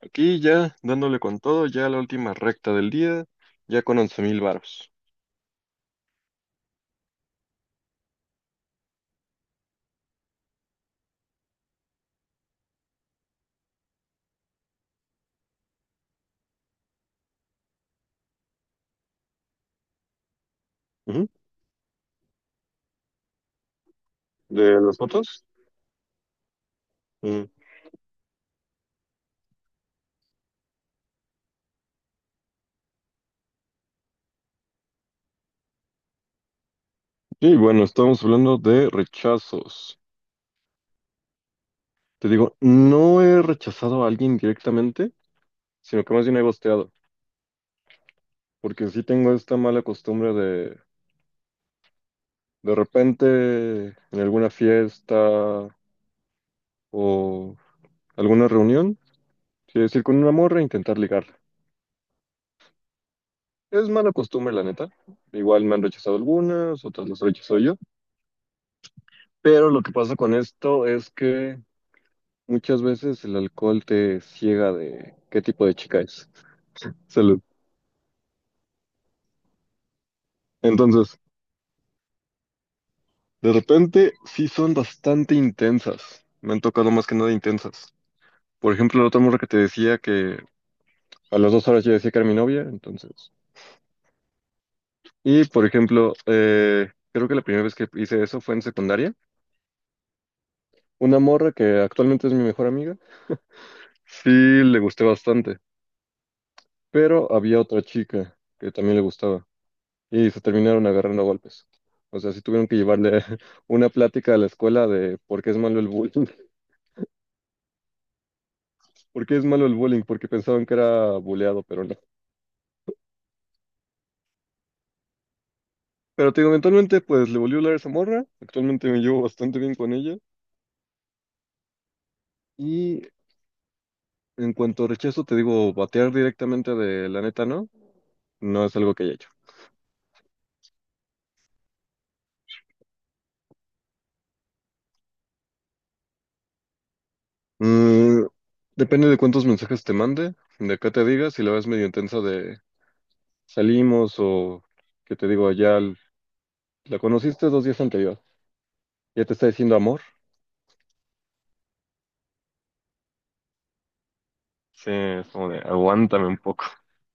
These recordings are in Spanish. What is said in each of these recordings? Aquí ya dándole con todo, ya la última recta del día, ya con 11,000 varos. Ujú. ¿De las fotos? Mm. Y bueno, estamos hablando de rechazos. Te digo, no he rechazado a alguien directamente, sino que más bien he ghosteado, porque sí tengo esta mala costumbre de repente en alguna fiesta o alguna reunión, quiero decir, con una morra intentar ligarla. Es mala costumbre, la neta. Igual me han rechazado algunas, otras las rechazo yo. Pero lo que pasa con esto es que muchas veces el alcohol te ciega de qué tipo de chica es. Salud. Entonces, de repente sí son bastante intensas. Me han tocado más que nada intensas. Por ejemplo, la otra morra que te decía que a las 2 horas ya decía que era mi novia, entonces. Y por ejemplo, creo que la primera vez que hice eso fue en secundaria. Una morra que actualmente es mi mejor amiga, sí le gusté bastante, pero había otra chica que también le gustaba, y se terminaron agarrando a golpes. O sea, sí tuvieron que llevarle una plática a la escuela de por qué es malo el bullying. ¿Por qué es malo el bullying? Porque pensaban que era buleado, pero no. Pero te digo, eventualmente pues le volvió a hablar a esa morra. Actualmente me llevo bastante bien con ella. Y en cuanto a rechazo, te digo, batear directamente de la neta, ¿no? No es algo que haya hecho. Mm, depende de cuántos mensajes te mande, de qué te diga, si la ves medio intensa de salimos o que te digo, la conociste 2 días anterior. Ya te está diciendo amor. Sí, es como de, aguántame un poco.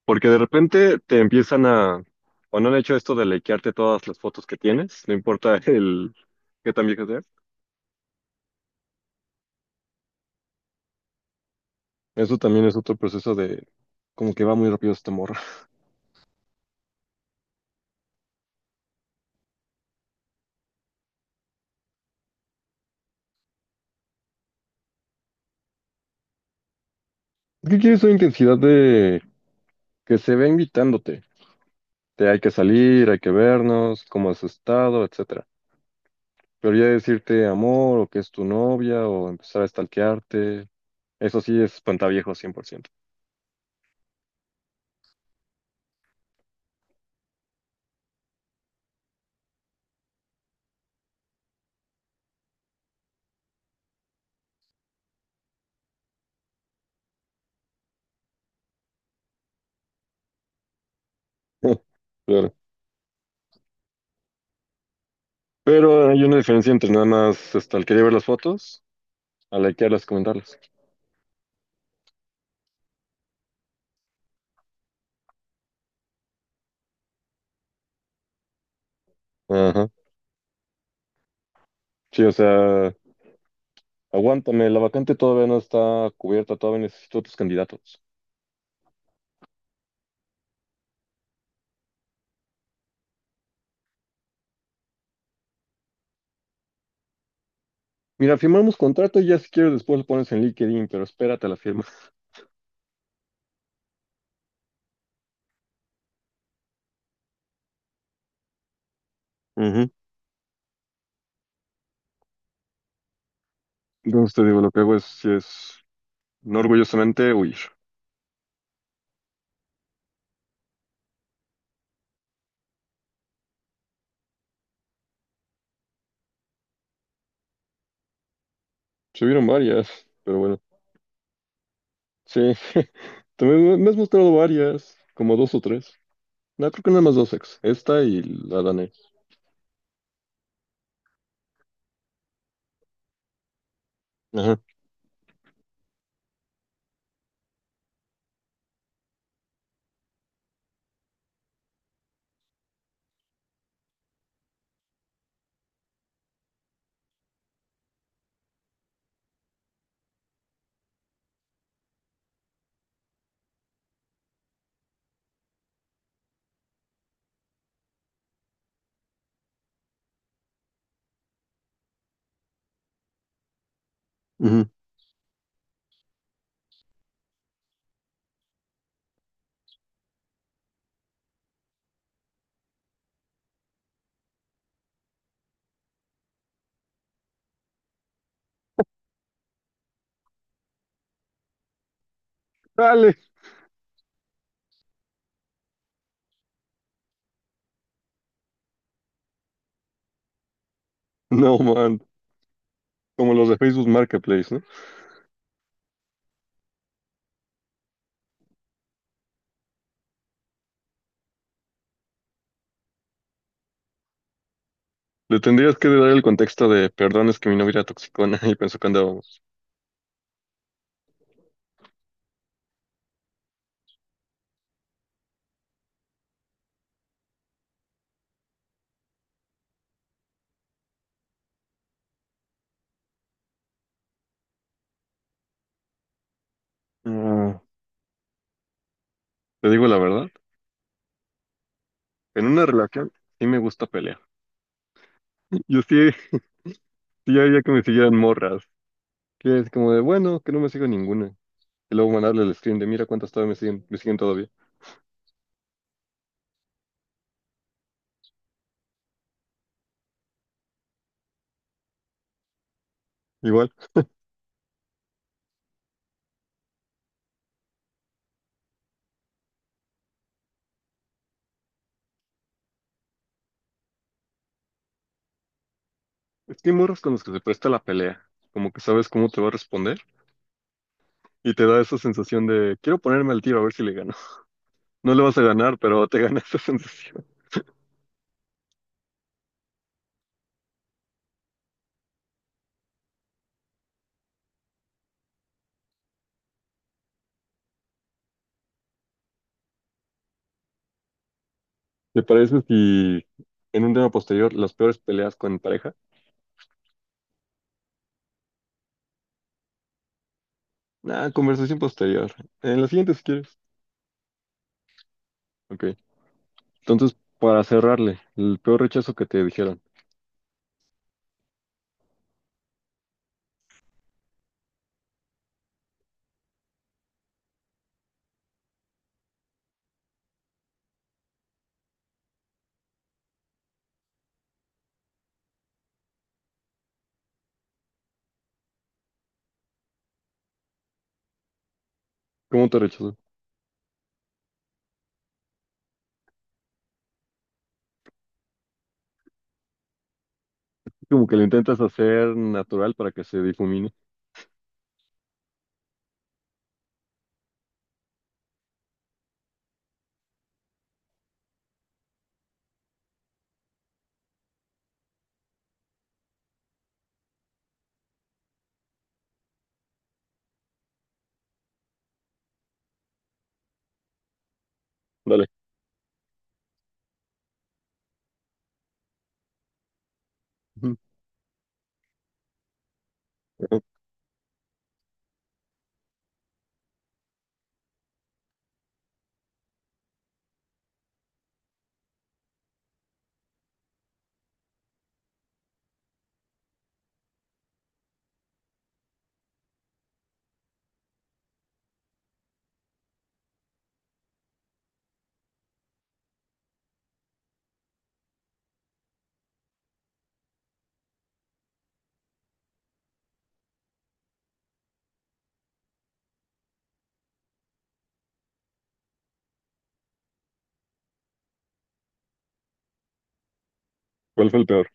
Porque de repente te empiezan a, o no han hecho esto de likearte todas las fotos que tienes, no importa el qué tan viejo sea. Eso también es otro proceso de, como que va muy rápido este morro. ¿Qué quieres una intensidad de que se vea invitándote? Te hay que salir, hay que vernos, cómo has estado, etcétera. Pero ya decirte amor, o que es tu novia, o empezar a stalkearte, eso sí es espantaviejo 100%. Pero hay una diferencia entre nada más este, al querer ver las fotos, a likearlas, comentarlas. Ajá. Sí, o sea, aguántame, la vacante todavía no está cubierta, todavía necesito otros candidatos. Mira, firmamos contrato y ya si quieres después lo pones en LinkedIn, pero espérate a la firma. Ujú. Entonces te digo, lo que hago es, sí es, no orgullosamente, huir. Se vieron varias, pero bueno. Sí, también me has mostrado varias, como dos o tres. No, creo que nada más dos ex. Esta y la danés. Ajá. Ujú. Dale. No, man. Como los de Facebook Marketplace, ¿no? Le tendrías que dar el contexto de, perdón, es que mi novia era toxicona y pensó que andábamos. Ah, te digo la verdad, en una relación sí me gusta pelear. Yo sí, sí haría que me siguieran morras, que es como de, bueno, que no me siga ninguna. Y luego mandarle el stream de, mira cuántas todavía me siguen todavía. Igual, es que hay morras con los que se presta la pelea, como que sabes cómo te va a responder y te da esa sensación de, quiero ponerme al tiro a ver si le gano. No le vas a ganar, pero te gana esa sensación. ¿Te parece si en un tema posterior las peores peleas con pareja? Ah, conversación posterior. En la siguiente si quieres. Ok. Entonces, para cerrarle, el peor rechazo que te dijeron. ¿Cómo te rechazó? Como que lo intentas hacer natural para que se difumine. Dale. Ujú. Ajá. ¿Cuál fue el peor?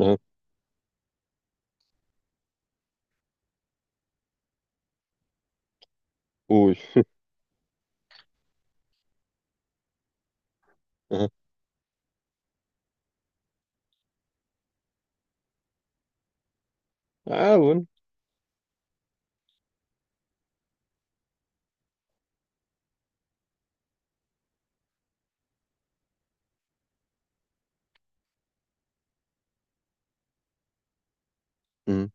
Ajá. Uy. Ajá. Ah, bueno. Ujú.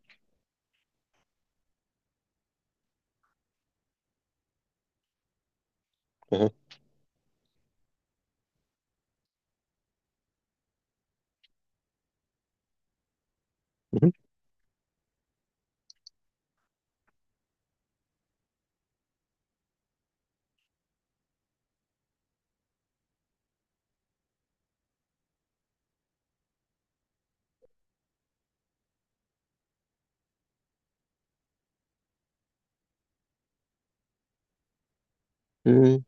Ajá. Ujú. Eh,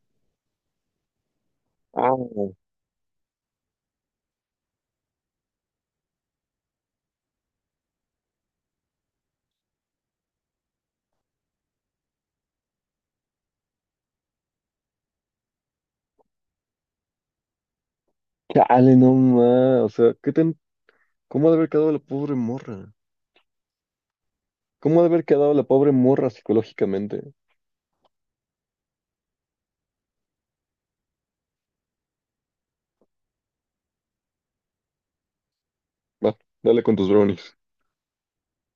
Ah, chale, no más. O sea, ¿qué tan... ¿cómo ha de haber quedado la pobre morra? ¿Cómo ha de haber quedado la pobre morra psicológicamente? Va, dale con tus brownies.